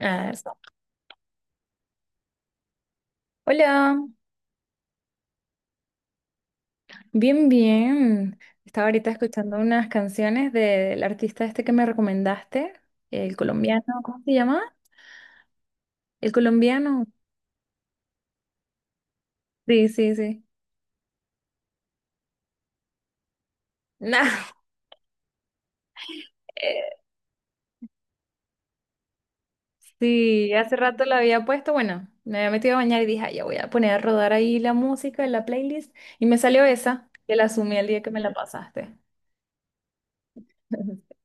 Ah, eso. Hola, bien, bien. Estaba ahorita escuchando unas canciones del artista este que me recomendaste, el colombiano, ¿cómo se llama? El colombiano. Sí, sí, sí. Nah, Eh, sí, hace rato la había puesto, bueno, me había metido a bañar y dije, "Ay, ya voy a poner a rodar ahí la música en la playlist y me salió esa, que la sumé el día que me la pasaste."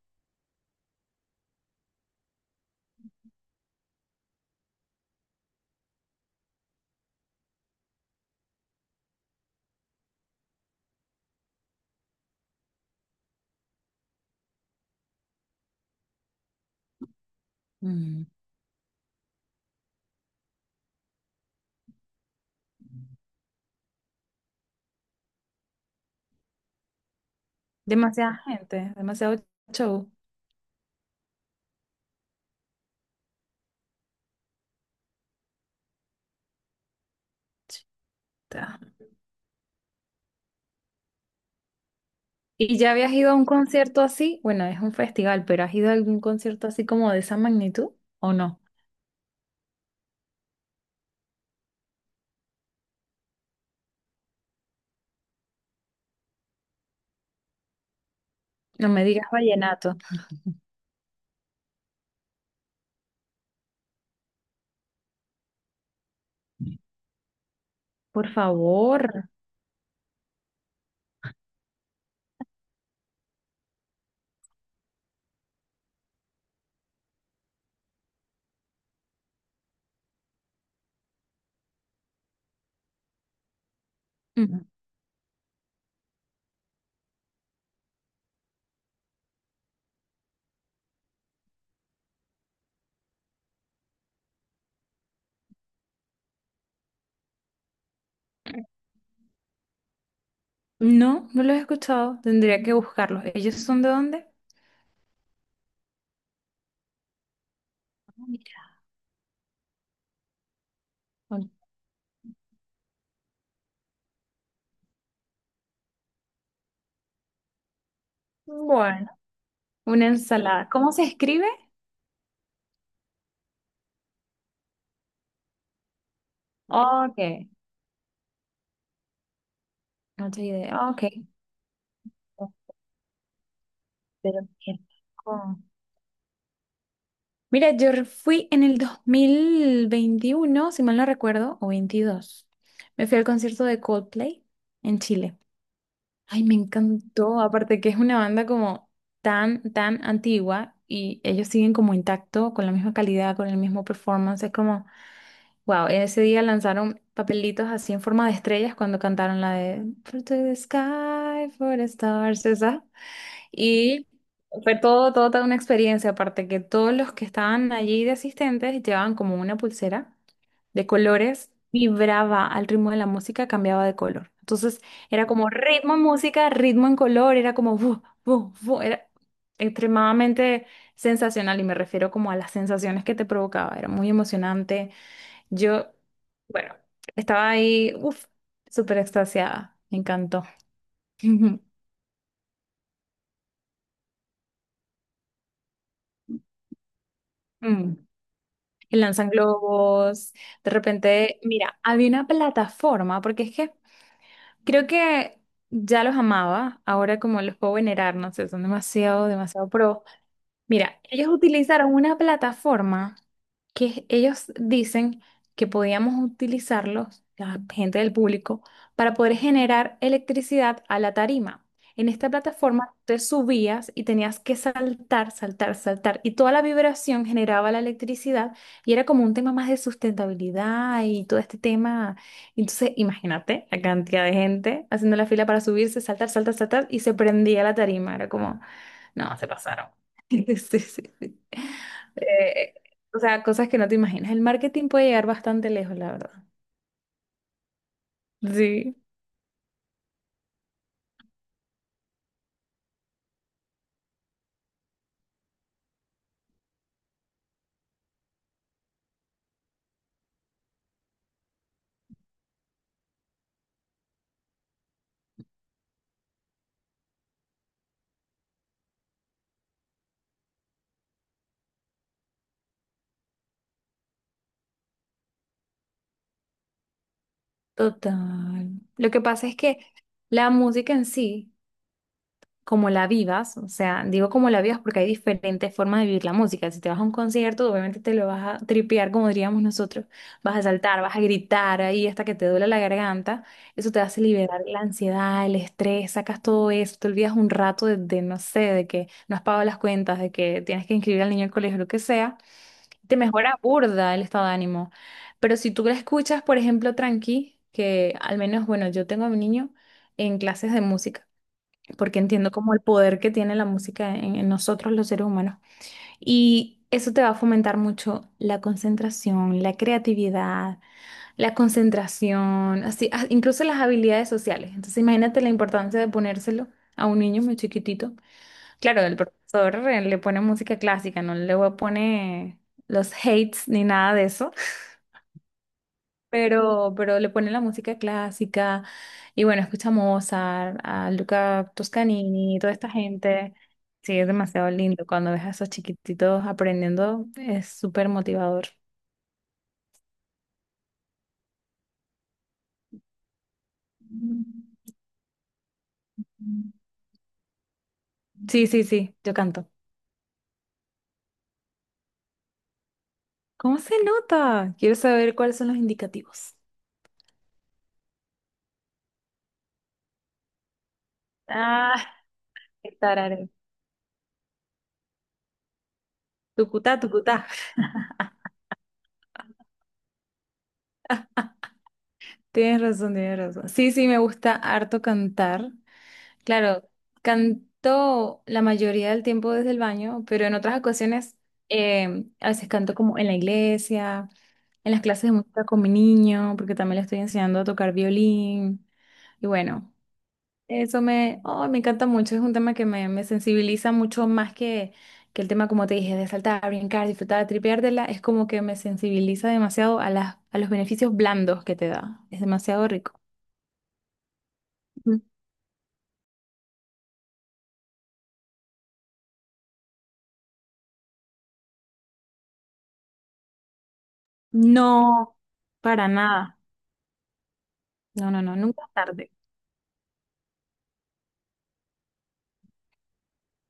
Mm. Demasiada gente, demasiado show. ¿Y ya habías ido a un concierto así? Bueno, es un festival, pero ¿has ido a algún concierto así como de esa magnitud o no? No me digas vallenato, por favor. Mm. No, no los he escuchado, tendría que buscarlos. ¿Ellos son de dónde? Ah, mira. Ok. Bueno, una ensalada. ¿Cómo se escribe? Ok, no tengo idea. Ok. Pero mira, con- mira, fui en el 2021, si mal no recuerdo, o 22. Me fui al concierto de Coldplay en Chile. Ay, me encantó. Aparte que es una banda como tan antigua y ellos siguen como intacto, con la misma calidad, con el mismo performance. Es como, wow, ese día lanzaron papelitos así en forma de estrellas cuando cantaron la de For to the Sky, for the Stars, esa. Y fue todo toda una experiencia, aparte que todos los que estaban allí de asistentes llevaban como una pulsera de colores, vibraba al ritmo de la música, cambiaba de color. Entonces era como ritmo en música, ritmo en color, era como bu, bu, bu, era extremadamente sensacional y me refiero como a las sensaciones que te provocaba, era muy emocionante. Yo, bueno, estaba ahí, uff, súper extasiada, me encantó. Mm. Y lanzan globos. De repente, mira, había una plataforma, porque es que creo que ya los amaba, ahora como los puedo venerar, no sé, son demasiado pro. Mira, ellos utilizaron una plataforma que ellos dicen que podíamos utilizarlos, la gente del público, para poder generar electricidad a la tarima. En esta plataforma te subías y tenías que saltar, saltar, saltar, y toda la vibración generaba la electricidad y era como un tema más de sustentabilidad y todo este tema. Entonces, imagínate la cantidad de gente haciendo la fila para subirse, saltar, saltar, saltar, y se prendía la tarima. Era como... No, se pasaron. Sí, sí, sí. Eh, o sea, cosas que no te imaginas. El marketing puede llegar bastante lejos, la verdad. Sí, total. Lo que pasa es que la música en sí, como la vivas, o sea, digo como la vivas porque hay diferentes formas de vivir la música. Si te vas a un concierto, obviamente te lo vas a tripear, como diríamos nosotros, vas a saltar, vas a gritar ahí hasta que te duele la garganta. Eso te hace liberar la ansiedad, el estrés, sacas todo eso, te olvidas un rato de no sé, de que no has pagado las cuentas, de que tienes que inscribir al niño al colegio, lo que sea. Te mejora burda el estado de ánimo. Pero si tú la escuchas, por ejemplo, tranqui, que al menos, bueno, yo tengo a mi niño en clases de música porque entiendo como el poder que tiene la música en nosotros los seres humanos. Y eso te va a fomentar mucho la concentración, la creatividad, la concentración, así, ah, incluso las habilidades sociales. Entonces imagínate la importancia de ponérselo a un niño muy chiquitito. Claro, el profesor le pone música clásica, no le pone los hates ni nada de eso, pero le ponen la música clásica y bueno, escucha a Mozart, a Luca Toscanini, toda esta gente. Sí, es demasiado lindo. Cuando ves a esos chiquititos aprendiendo, es súper motivador. Sí, sí, sí, yo canto. ¿Cómo se nota? Quiero saber cuáles son los indicativos. Ah, qué tarare. Tucutá, tucutá. Tienes razón, tienes razón. Sí, sí, me gusta harto cantar. Claro, canto la mayoría del tiempo desde el baño, pero en otras ocasiones a veces canto como en la iglesia, en las clases de música con mi niño, porque también le estoy enseñando a tocar violín. Y bueno, eso me, oh, me encanta mucho, es un tema que me sensibiliza mucho más que el tema, como te dije, de saltar, brincar, disfrutar, tripeártela, es como que me sensibiliza demasiado a a los beneficios blandos que te da. Es demasiado rico. Ujú. No, para nada. No, no, no, nunca es tarde.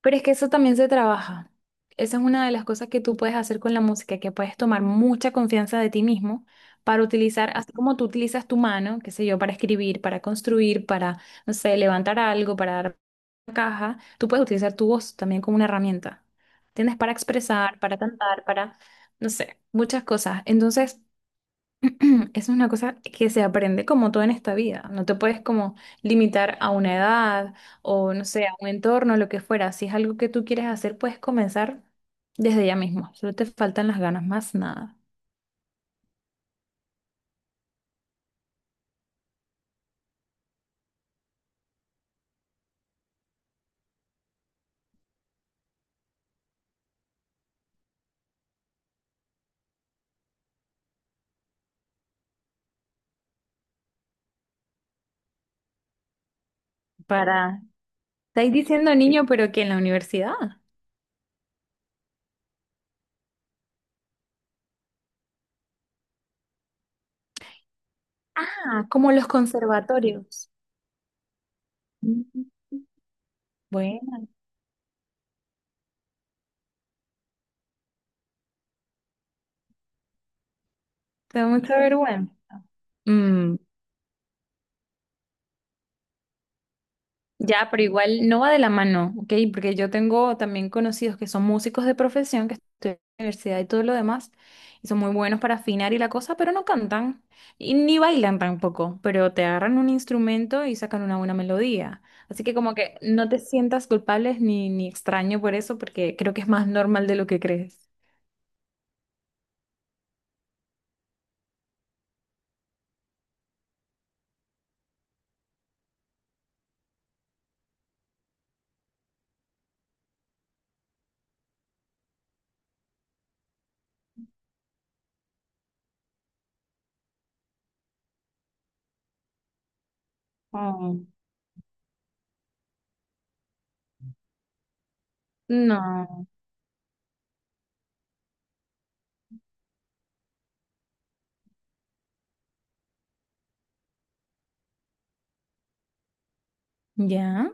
Pero es que eso también se trabaja. Esa es una de las cosas que tú puedes hacer con la música, que puedes tomar mucha confianza de ti mismo para utilizar, así como tú utilizas tu mano, qué sé yo, para escribir, para construir, para, no sé, levantar algo, para dar una caja, tú puedes utilizar tu voz también como una herramienta. Tienes para expresar, para cantar, para, no sé, muchas cosas. Entonces, es una cosa que se aprende como todo en esta vida. No te puedes como limitar a una edad o no sé, a un entorno, lo que fuera. Si es algo que tú quieres hacer, puedes comenzar desde ya mismo. Solo te faltan las ganas, más nada. Para, estáis diciendo niño, pero que en la universidad. Ah, como los conservatorios. Mm. Bueno, te da mucha vergüenza. Mm. Ya, pero igual no va de la mano, ¿ok? Porque yo tengo también conocidos que son músicos de profesión, que estudian en la universidad y todo lo demás, y son muy buenos para afinar y la cosa, pero no cantan y ni bailan tampoco, pero te agarran un instrumento y sacan una buena melodía. Así que como que no te sientas culpable ni extraño por eso, porque creo que es más normal de lo que crees. Oh, no, ya.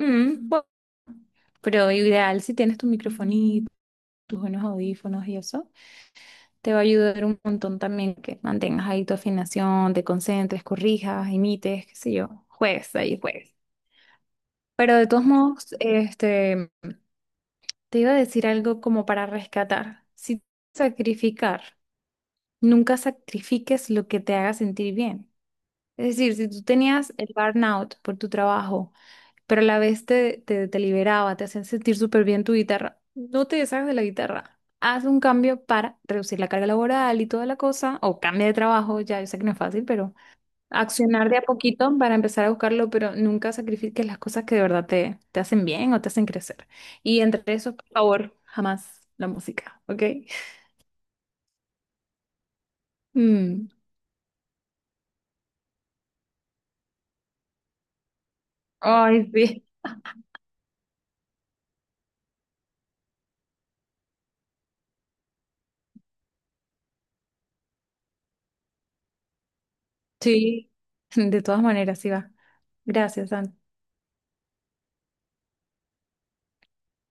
Mm, bu- pero ideal si tienes tu microfonito, tus buenos audífonos y eso. Te va a ayudar un montón también que mantengas ahí tu afinación, te concentres, corrijas, imites, qué sé yo, juegues ahí, juegues. Pero de todos modos, este, te iba a decir algo como para rescatar. Si sacrificar, nunca sacrifiques lo que te haga sentir bien. Es decir, si tú tenías el burnout por tu trabajo, pero a la vez te liberaba, te hacían sentir súper bien tu guitarra. No te deshagas de la guitarra. Haz un cambio para reducir la carga laboral y toda la cosa, o cambia de trabajo, ya yo sé que no es fácil, pero accionar de a poquito para empezar a buscarlo, pero nunca sacrifiques las cosas que de verdad te hacen bien o te hacen crecer. Y entre eso, por favor, jamás la música, ¿ok? Mm. Ay, sí. Sí, de todas maneras, sí va. Gracias, Santi.